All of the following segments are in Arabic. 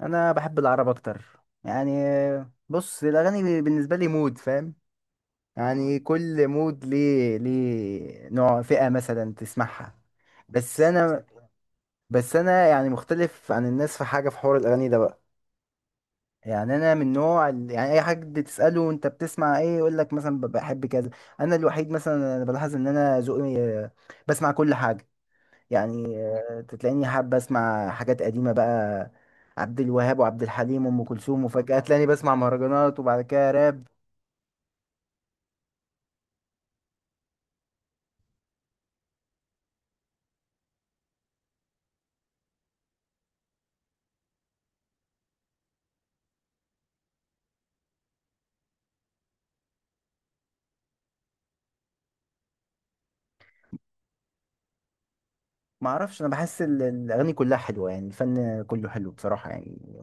انا بحب العرب اكتر، يعني. بص، الاغاني بالنسبه لي مود، فاهم؟ يعني كل مود ليه نوع، فئه مثلا تسمعها. بس انا بس انا يعني مختلف عن الناس في حاجه، في حوار الاغاني ده بقى. يعني انا من نوع يعني اي حد تساله انت بتسمع ايه، يقول لك مثلا بحب كذا. انا الوحيد مثلا، انا بلاحظ ان انا ذوقي بسمع كل حاجه. يعني تلاقيني حابة اسمع حاجات قديمة بقى، عبد الوهاب وعبد الحليم وام كلثوم، وفجأة تلاقيني بسمع مهرجانات وبعد كده راب. ما اعرفش، انا بحس الاغاني كلها حلوة، يعني الفن كله حلو بصراحة يعني.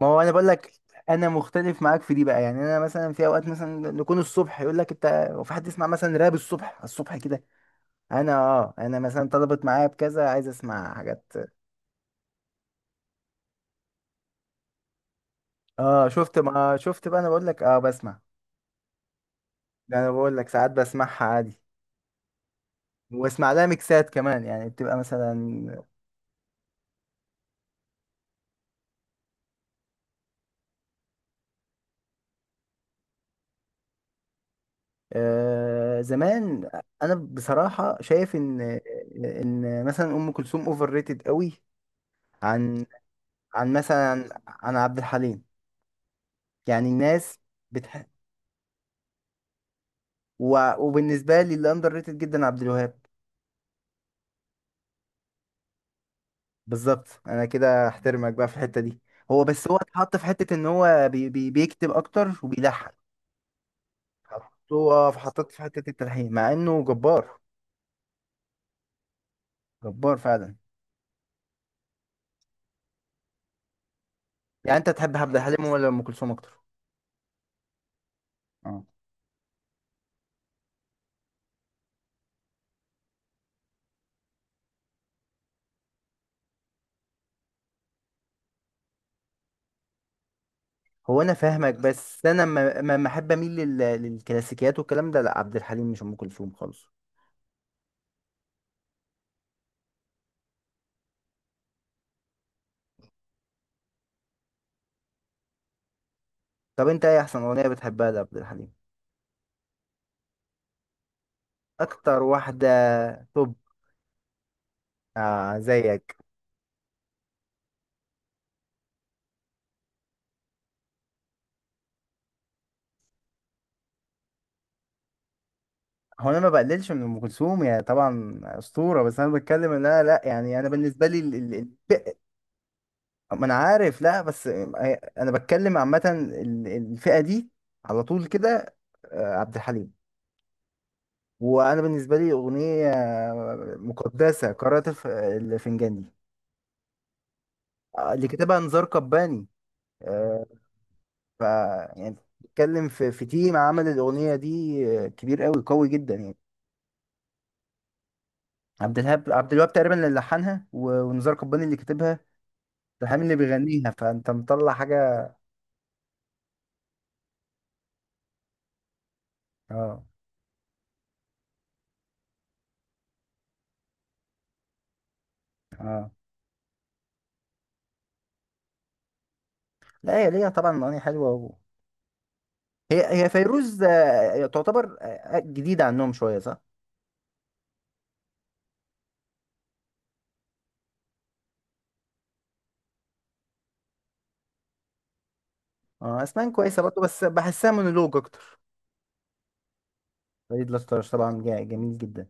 ما هو انا بقول لك انا مختلف معاك في دي بقى. يعني انا مثلا في اوقات مثلا نكون الصبح، يقول لك انت هو في حد يسمع مثلا راب الصبح؟ الصبح كده انا مثلا طلبت معايا بكذا، عايز اسمع حاجات. اه، شفت، ما شفت بقى؟ انا بقول لك اه بسمع. ده انا بقول لك ساعات بسمعها عادي، واسمع لها ميكسات كمان، يعني بتبقى مثلا. آه، زمان. انا بصراحه شايف ان، ان مثلا ام كلثوم اوفر ريتد قوي، عن، عن مثلا عن عبد الحليم. يعني الناس بتح... وبالنسبه لي اللي اندر ريتد جدا عبد الوهاب. بالظبط، انا كده احترمك بقى في الحته دي. هو بس هو اتحط في حته ان هو بيكتب اكتر وبيلحن. حطوه في حطيت في حته التلحين، مع انه جبار. جبار فعلا. يعني انت تحب عبد الحليم ولا ام كلثوم اكتر؟ اه. هو انا فاهمك، بس انا ما احب اميل للكلاسيكيات، والكلام ده لا، عبد الحليم مش ام كلثوم خالص. طب انت ايه احسن اغنيه بتحبها لعبد الحليم؟ اكتر واحده، توب. آه، زيك. هو انا ما بقللش من ام كلثوم، يا طبعا اسطوره، بس انا بتكلم ان انا لا يعني انا بالنسبه لي الفئة-. ما انا عارف، لا، بس انا بتكلم عامه الفئه دي، على طول كده، آه، عبد الحليم. وانا بالنسبه لي اغنيه مقدسه قارئة الفنجان دي. آه، اللي كتبها نزار قباني. آه، ف، يعني بتتكلم في تيم عمل الاغنيه دي، آه، كبير قوي قوي جدا يعني. عبد الوهاب تقريبا اللي لحنها، ونزار قباني اللي كتبها، الحامي اللي بيغنيها. فانت مطلع حاجه. اه، اه. لا، هي ليها طبعا اغاني حلوه و... هي فيروز تعتبر جديده عنهم شويه، صح؟ اه، اسنان كويسه برضه، بس بحسها مونولوج اكتر. فريد الأطرش طبعا جميل جدا.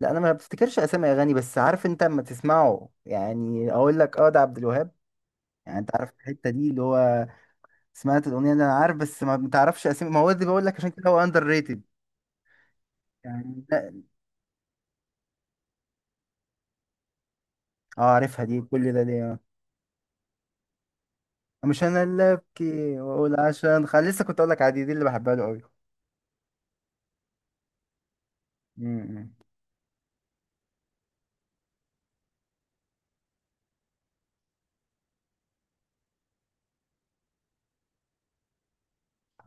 لا انا ما بفتكرش اسامي اغاني، بس عارف، انت اما تسمعه يعني اقول لك اه ده عبد الوهاب. يعني انت عارف الحته دي، اللي هو سمعت الاغنيه دي انا عارف، بس ما بتعرفش اسامي. ما هو دي بقول لك عشان كده هو اندر ريتد. يعني لا- اه، عارفها دي، كل ده ليه، آه. مش انا اللي ابكي واقول عشان لسه كنت اقول لك عادي دي اللي بحبها له قوي.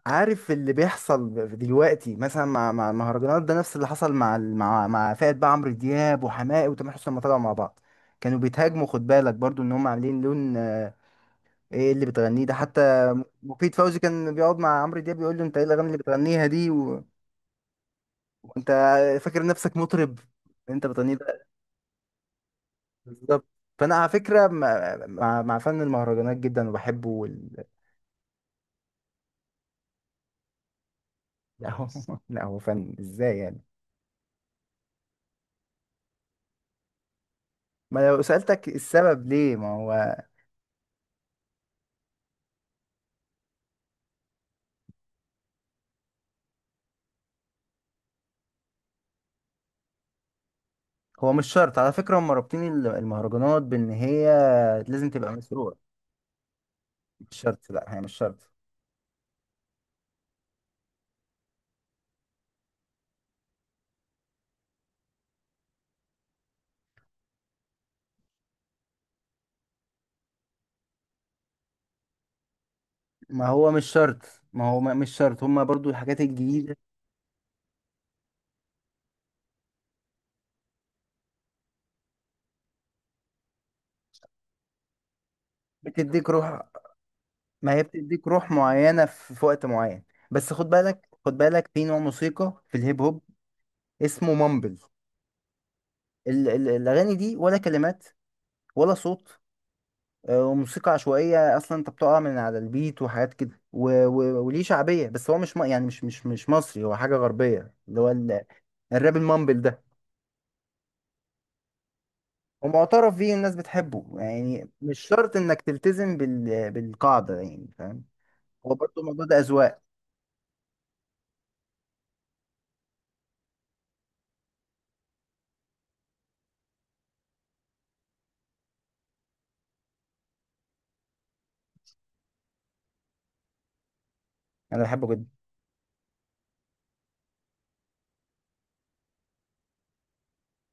عارف اللي بيحصل دلوقتي مثلا مع المهرجانات، ده نفس اللي حصل مع فئة بقى عمرو دياب وحماقي وتامر حسني لما طلعوا مع بعض، كانوا بيتهاجموا. خد بالك برضو ان هم عاملين لون، آه، ايه اللي بتغنيه ده حتى. مفيد فوزي كان بيقعد مع عمرو دياب بيقول له انت ايه الاغاني اللي بتغنيها دي و... وانت فاكر نفسك مطرب، انت بتغنيه ده. بالظبط. فانا على فكرة مع مع فن المهرجانات جدا وبحبه وال... لا هو، فن ازاي يعني؟ ما لو سألتك السبب ليه؟ ما هو هو مش شرط على فكرة. هم رابطين المهرجانات بإن هي لازم تبقى مسروقة. مش شرط، لا هي مش شرط. ما هو مش شرط. ما- هو مش شرط هم برضو الحاجات الجديدة. بتديك روح. ما هي بتديك روح معينة في وقت معين. بس خد بالك، خد بالك، في نوع موسيقى في الهيب هوب اسمه مامبل. الأغاني دي، ولا كلمات، ولا صوت. آه، وموسيقى عشوائية أصلا. أنت بتقع من على البيت وحاجات كده و... و... وليه شعبية. بس هو مش م... يعني مش مش مش مصري، هو حاجة غربية اللي هو ال... الراب المامبل ده. ومعترف بيه، الناس بتحبه، يعني مش شرط إنك تلتزم بالقاعدة يعني فاهم. هو برضه الموضوع ده أذواق. أنا بحبه جدا.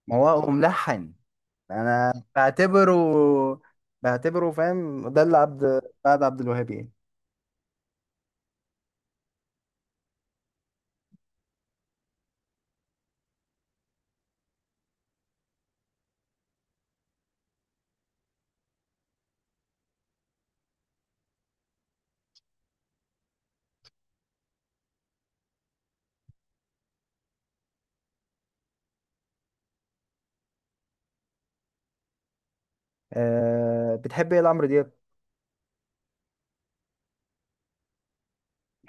ما هو هو ملحن. أنا بعتبره، فاهم، ده اللي بعد عبد الوهاب يعني. بتحب إيه لعمرو دياب؟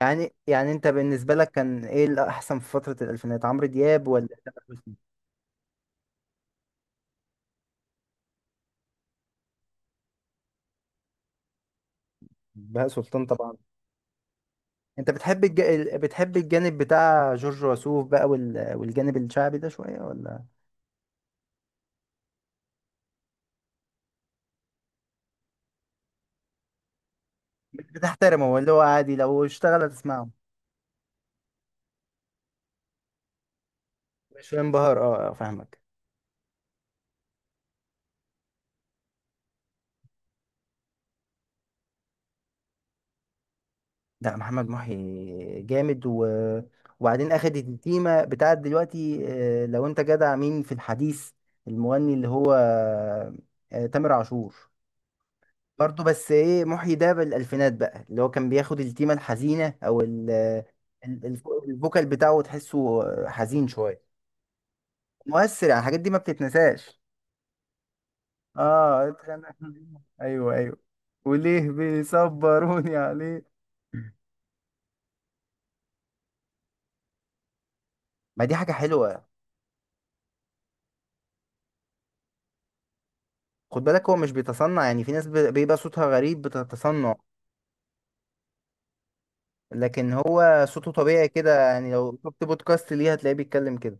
يعني انت بالنسبة لك كان ايه الاحسن في فترة الالفينات، عمرو دياب ولا تامر حسني؟ بهاء سلطان طبعا. انت بتحب بتحب الجانب بتاع جورج وسوف بقى وال... والجانب الشعبي ده شوية، ولا بتحترمه؟ ولا هو عادي، لو اشتغل هتسمعه، مش انبهر؟ اه، اه، فاهمك. لا، محمد محي جامد و... وبعدين اخد التيمة بتاعت دلوقتي، اه، لو انت جدع مين في الحديث، المغني اللي هو، اه، تامر عاشور. برضه، بس ايه محيي ده بالالفينات بقى، اللي هو كان بياخد التيمه الحزينه، او الفوكال بتاعه تحسه حزين شويه، مؤثر. يعني الحاجات دي ما بتتنساش. اه، اتخانق. ايوه، ايوه، وليه بيصبروني عليه. ما دي حاجه حلوه. خد بالك هو مش بيتصنع يعني. في ناس بيبقى صوتها غريب بتتصنع، لكن هو صوته طبيعي كده. يعني لو شفت بودكاست ليه، هتلاقيه بيتكلم كده.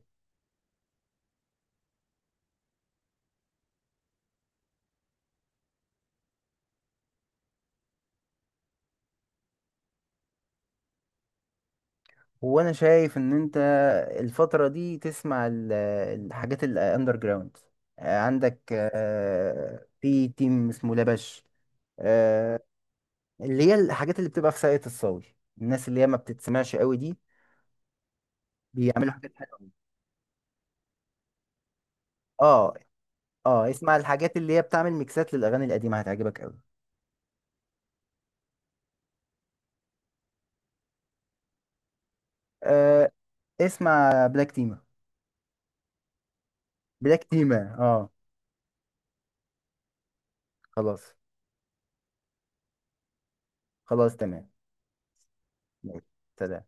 هو انا شايف ان انت الفترة دي تسمع الحاجات الاندر جراوند. عندك في تيم اسمه لبش، آه، اللي هي الحاجات اللي بتبقى في ساقية الصاوي، الناس اللي هي ما بتتسمعش قوي دي، بيعملوا حاجات حلوة. اه، اه، اسمع الحاجات اللي هي بتعمل ميكسات للاغاني القديمة، هتعجبك قوي. آه، اسمع بلاك تيما. بلاك تيما، اه. خلاص. خلاص، تمام. ماشي. سلام.